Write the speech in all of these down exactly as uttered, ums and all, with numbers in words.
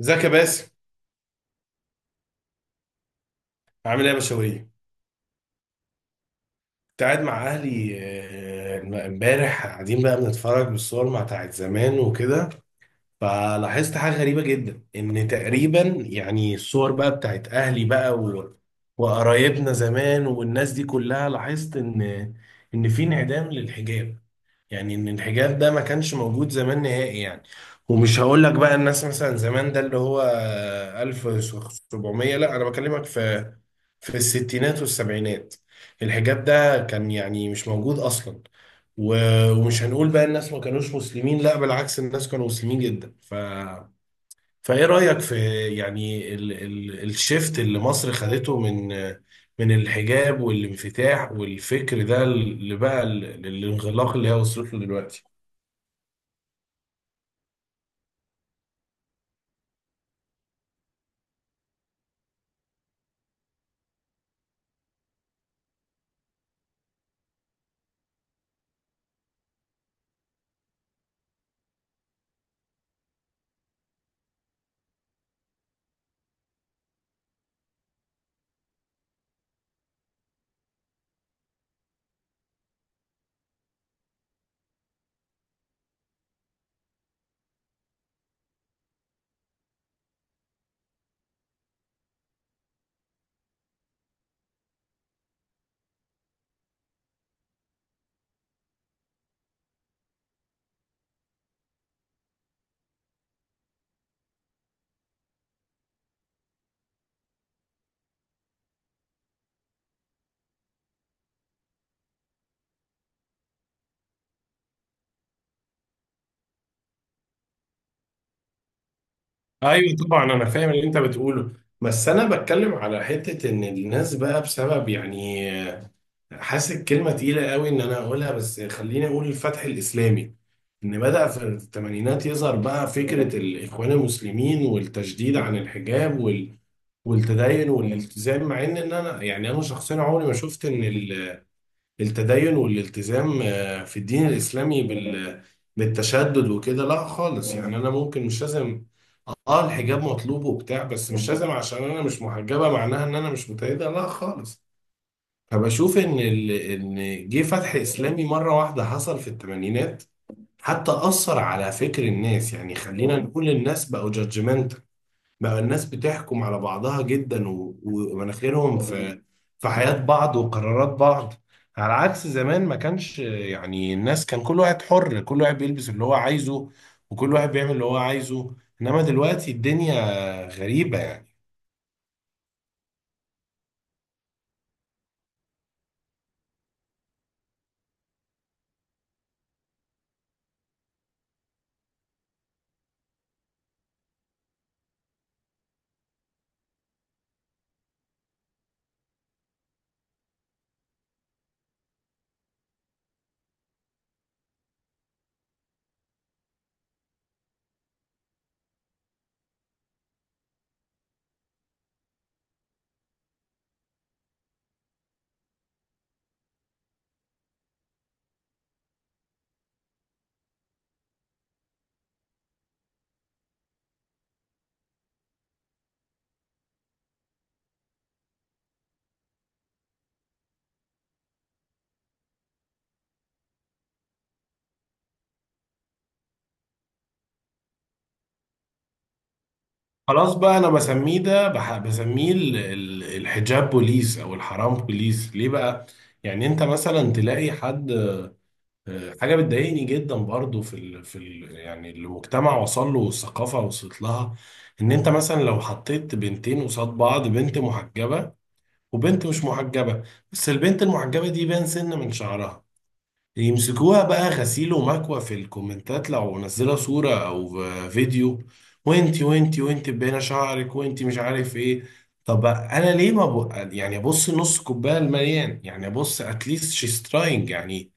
ازيك يا باسم؟ عامل ايه يا بشوية؟ كنت قاعد مع اهلي. آه، امبارح قاعدين بقى بنتفرج بالصور مع بتاعت زمان وكده. فلاحظت حاجة غريبة جدا ان تقريبا يعني الصور بقى بتاعت اهلي بقى و... وقرايبنا زمان والناس دي كلها. لاحظت ان ان في انعدام للحجاب، يعني ان الحجاب ده ما كانش موجود زمان نهائي يعني. ومش هقول لك بقى الناس مثلا زمان ده اللي هو ألف وسبعمية، لا انا بكلمك في في الستينات والسبعينات. الحجاب ده كان يعني مش موجود اصلا، و- ومش هنقول بقى الناس ما كانوش مسلمين، لا بالعكس الناس كانوا مسلمين جدا. ف فايه رأيك في يعني ال ال الشيفت اللي مصر خدته من من الحجاب والانفتاح والفكر ده اللي بقى ال- الانغلاق اللي هي وصلت له دلوقتي؟ ايوه طبعا انا فاهم اللي انت بتقوله. بس انا بتكلم على حتة ان الناس بقى بسبب يعني، حاسس كلمة تقيلة قوي ان انا اقولها، بس خليني اقول الفتح الاسلامي، ان بدأ في الثمانينات يظهر بقى فكرة الاخوان المسلمين والتشديد عن الحجاب والتدين والالتزام. مع ان إن انا يعني انا شخصيا عمري ما شفت ان ال- التدين والالتزام آه، في الدين الاسلامي بال بالتشدد وكده، لا خالص يعني. انا ممكن مش لازم، اه الحجاب مطلوب وبتاع، بس مش لازم عشان انا مش محجبه معناها ان انا مش متأيده، لا خالص. فبشوف ان ال... ان جه فتح اسلامي مره واحده حصل في الثمانينات، حتى اثر على فكر الناس. يعني خلينا نقول الناس بقوا جادجمنت، بقى الناس بتحكم على بعضها جدا، و- ومناخيرهم في في حياة بعض وقرارات بعض، على عكس زمان ما كانش يعني. الناس كان كل واحد حر، كل واحد بيلبس اللي هو عايزه، وكل واحد بيعمل اللي هو عايزه. انما دلوقتي الدنيا غريبة يعني. خلاص، بقى انا بسميه ده بح- بسميه ال- ال- الحجاب بوليس او الحرام بوليس. ليه بقى؟ يعني انت مثلا تلاقي حد، حاجة بتضايقني جدا برضو في ال... في ال... يعني المجتمع وصل له والثقافة وصلت لها، ان انت مثلا لو حطيت بنتين قصاد بعض، بنت محجبة وبنت مش محجبة، بس البنت المحجبة دي باين سن من شعرها، يمسكوها بقى غسيل ومكوى في الكومنتات لو منزلة صورة او فيديو. وانتي وانتي وانتي باينة شعرك وانتي مش عارف ايه. طب انا ليه ما ب... يعني ابص نص كوبايه المليان؟ يعني ابص، اتليست شيز تراينج يعني.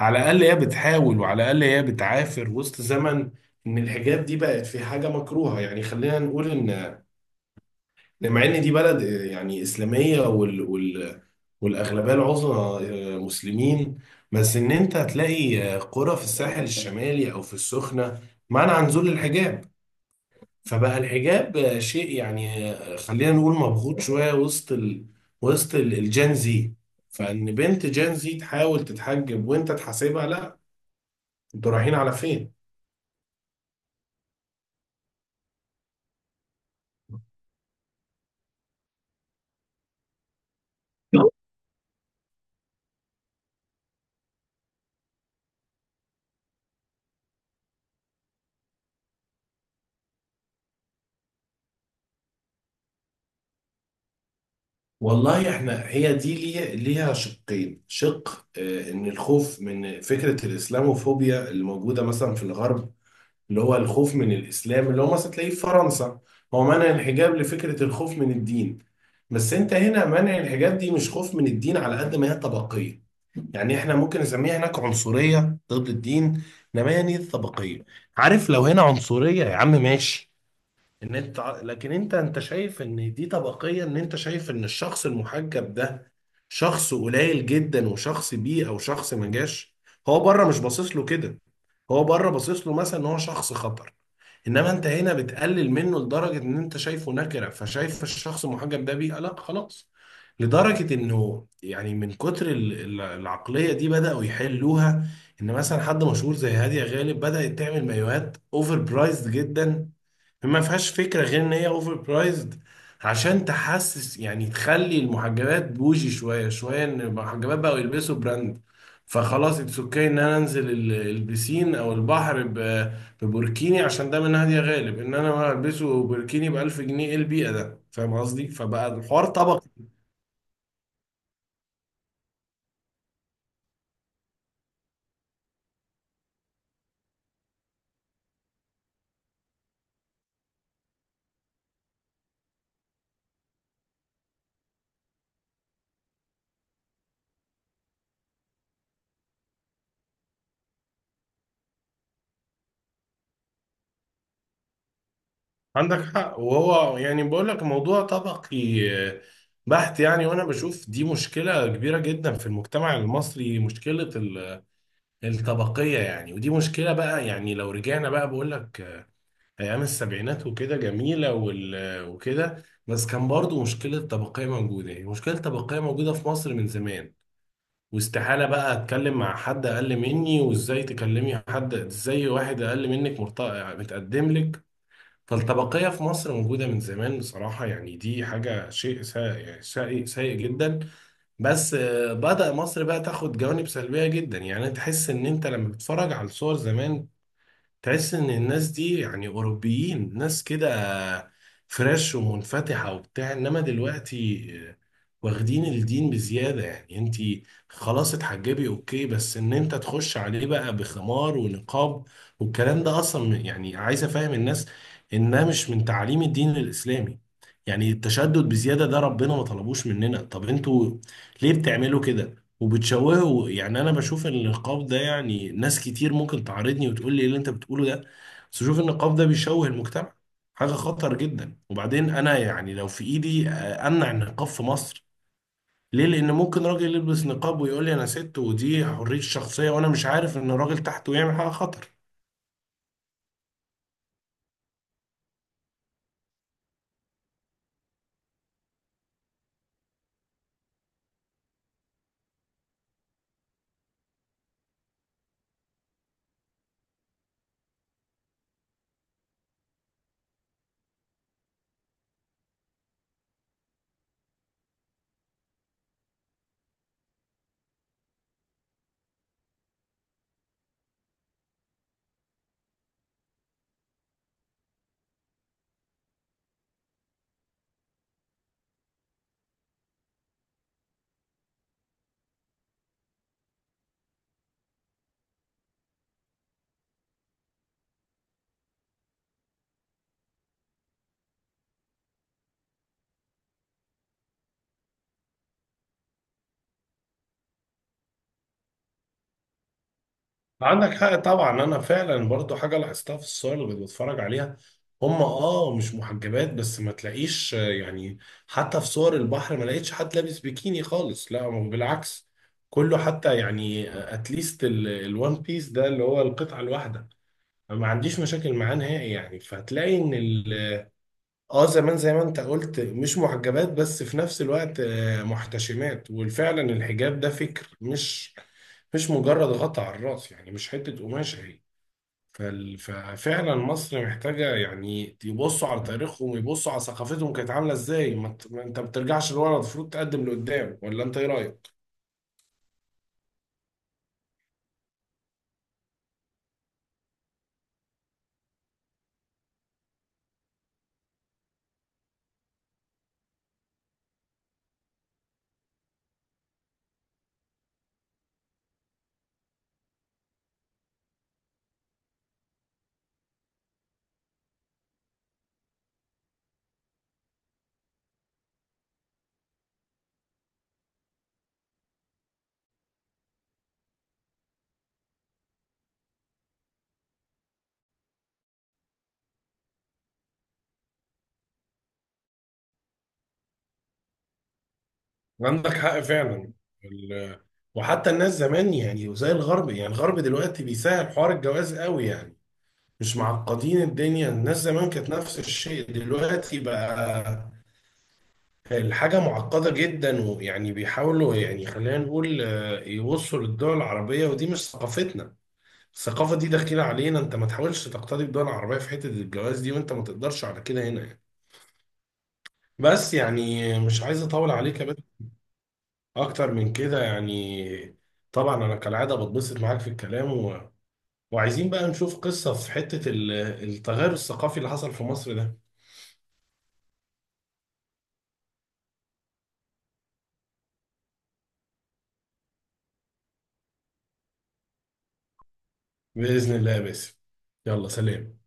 على الأقل هي بتحاول، وعلى الأقل هي بتعافر وسط زمن إن الحجاب دي بقت في حاجة مكروهة. يعني خلينا نقول إن مع إن دي بلد آه، يعني إسلامية وال... وال... والأغلبية العظمى آه، مسلمين. بس إن أنت هتلاقي آه، قرى في الساحل الشمالي أو في السخنة منع عن نزول الحجاب. فبقى الحجاب آه، شيء يعني، آه، خلينا نقول مبغوط شوية وسط ال... وسط ال- الجنزي. فإن بنت جنزي تحاول تتحجب وأنت تحاسبها، لا، انتوا رايحين على فين؟ والله احنا هي دي ليها ليها شقين. شق آه، ان الخوف من فكرة الاسلاموفوبيا اللي موجودة مثلا في الغرب، اللي هو الخوف من الاسلام اللي هو مثلا تلاقيه في فرنسا، هو منع الحجاب لفكرة الخوف من الدين. بس انت هنا منع الحجاب دي مش خوف من الدين على قد ما هي طبقية. يعني احنا ممكن نسميها هناك عنصرية ضد الدين، انما هي دي طبقية. عارف، لو هنا عنصرية يا عم ماشي، ان انت ع- لكن انت انت شايف ان دي طبقية، ان انت شايف ان الشخص المحجب ده شخص قليل جدا وشخص بيه او شخص ما جاش. هو بره مش باصص له كده، هو بره باصص له مثلا ان هو شخص خطر. انما انت هنا بتقلل منه لدرجة ان انت شايفه نكرة، فشايف الشخص المحجب ده بيه، لا خلاص. لدرجة انه يعني من كتر ال- ال- العقلية دي بدأوا يحلوها، ان مثلا حد مشهور زي هادية غالب بدأت تعمل مايوهات اوفر برايزد جدا، ما فيهاش فكرة غير ان هي اوفر برايزد، عشان تحسس يعني تخلي المحجبات بوجي شوية شوية ان المحجبات بقوا يلبسوا براند. فخلاص اتس اوكي ان انا انزل ال- البسين او البحر ب- ببوركيني عشان ده منهج يا غالب، ان انا البسه بوركيني ب ألف جنيه، ايه البيئة ده؟ فاهم قصدي؟ فبقى الحوار طبقي. عندك حق. وهو يعني بقول لك موضوع طبقي بحت يعني. وانا بشوف دي مشكلة كبيرة جدا في المجتمع المصري، مشكلة الطبقية يعني. ودي مشكلة بقى. يعني لو رجعنا بقى بقول لك آه، أيام السبعينات وكده جميلة وال- آه، وكده، بس كان برضو مشكلة الطبقية موجودة. يعني مشكلة الطبقية موجودة في مصر من زمان. واستحالة بقى أتكلم مع حد أقل مني، وإزاي تكلمي حد، إزاي واحد أقل منك مرت- يعني متقدم لك. فالطبقية في مصر موجودة من زمان بصراحة. يعني دي حاجة شيء سيء يعني، سيء سيء جدا. بس آه، بدأ مصر بقى تاخد جوانب سلبية جدا. يعني تحس ان انت لما بتتفرج على الصور زمان، تحس ان الناس دي يعني اوروبيين، ناس كده فريش ومنفتحه وبتاع. انما دلوقتي واخدين الدين بزياده. يعني انت خلاص اتحجبي، اوكي، بس ان انت تخش عليه بقى بخمار ونقاب والكلام ده، اصلا يعني عايز افهم الناس انها مش من تعليم الدين الاسلامي. يعني التشدد بزياده ده ربنا ما طلبوش مننا، طب انتوا ليه بتعملوا كده وبتشوهه؟ يعني انا بشوف ان النقاب ده، يعني ناس كتير ممكن تعارضني وتقول لي ايه اللي انت بتقوله ده، بس بشوف إن النقاب ده بيشوه المجتمع، حاجة خطر جدا. وبعدين انا يعني لو في ايدي آه، امنع النقاب في مصر. ليه؟ لان ممكن راجل يلبس نقاب ويقول لي انا ست، ودي حرية الشخصية، وانا مش عارف ان الراجل تحته يعمل حاجة خطر. عندك حق طبعا. انا فعلا برضو حاجه لاحظتها في الصور اللي كنت بتفرج عليها، هم اه مش محجبات، بس ما تلاقيش آه، يعني، حتى في صور البحر ما لقيتش حد لابس بيكيني خالص، لا هو بالعكس كله، حتى يعني اتليست الوان بيس ده اللي هو القطعه الواحده، ما عنديش مشاكل معاه نهائي يعني. فهتلاقي ان ال اه زمان زي ما انت قلت مش محجبات، بس في نفس الوقت آه، محتشمات. وفعلا الحجاب ده فكر، مش مش مجرد غطا على الراس، يعني مش حتة قماشة هي. فال- ففعلا مصر محتاجة، يعني يبصوا على تاريخهم ويبصوا على ثقافتهم كانت عاملة ازاي. ما ت- ما انت ما بترجعش لورا، المفروض تقدم لقدام. ولا انت ايه رأيك؟ عندك حق فعلا. ال- وحتى الناس زمان، يعني وزي الغرب يعني. الغرب دلوقتي بيسهل حوار الجواز قوي يعني، مش معقدين الدنيا، الناس زمان كانت نفس الشيء. دلوقتي بقى الحاجة معقدة جدا، ويعني بيحاولوا يعني خلينا نقول آه، يبصوا للدول العربية، ودي مش ثقافتنا. الثقافة دي داخلة علينا، انت ما تحاولش تقتدي بالدول العربية في حتة الجواز دي، وانت ما تقدرش على كده هنا يعني. بس يعني مش عايز اطول عليك يا بدر اكتر من كده يعني. طبعا انا كالعادة بتبسط معاك في الكلام و... وعايزين بقى نشوف قصة في حتة ال- التغير الثقافي اللي حصل في مصر ده. بإذن الله يا باسم. يلا سلام.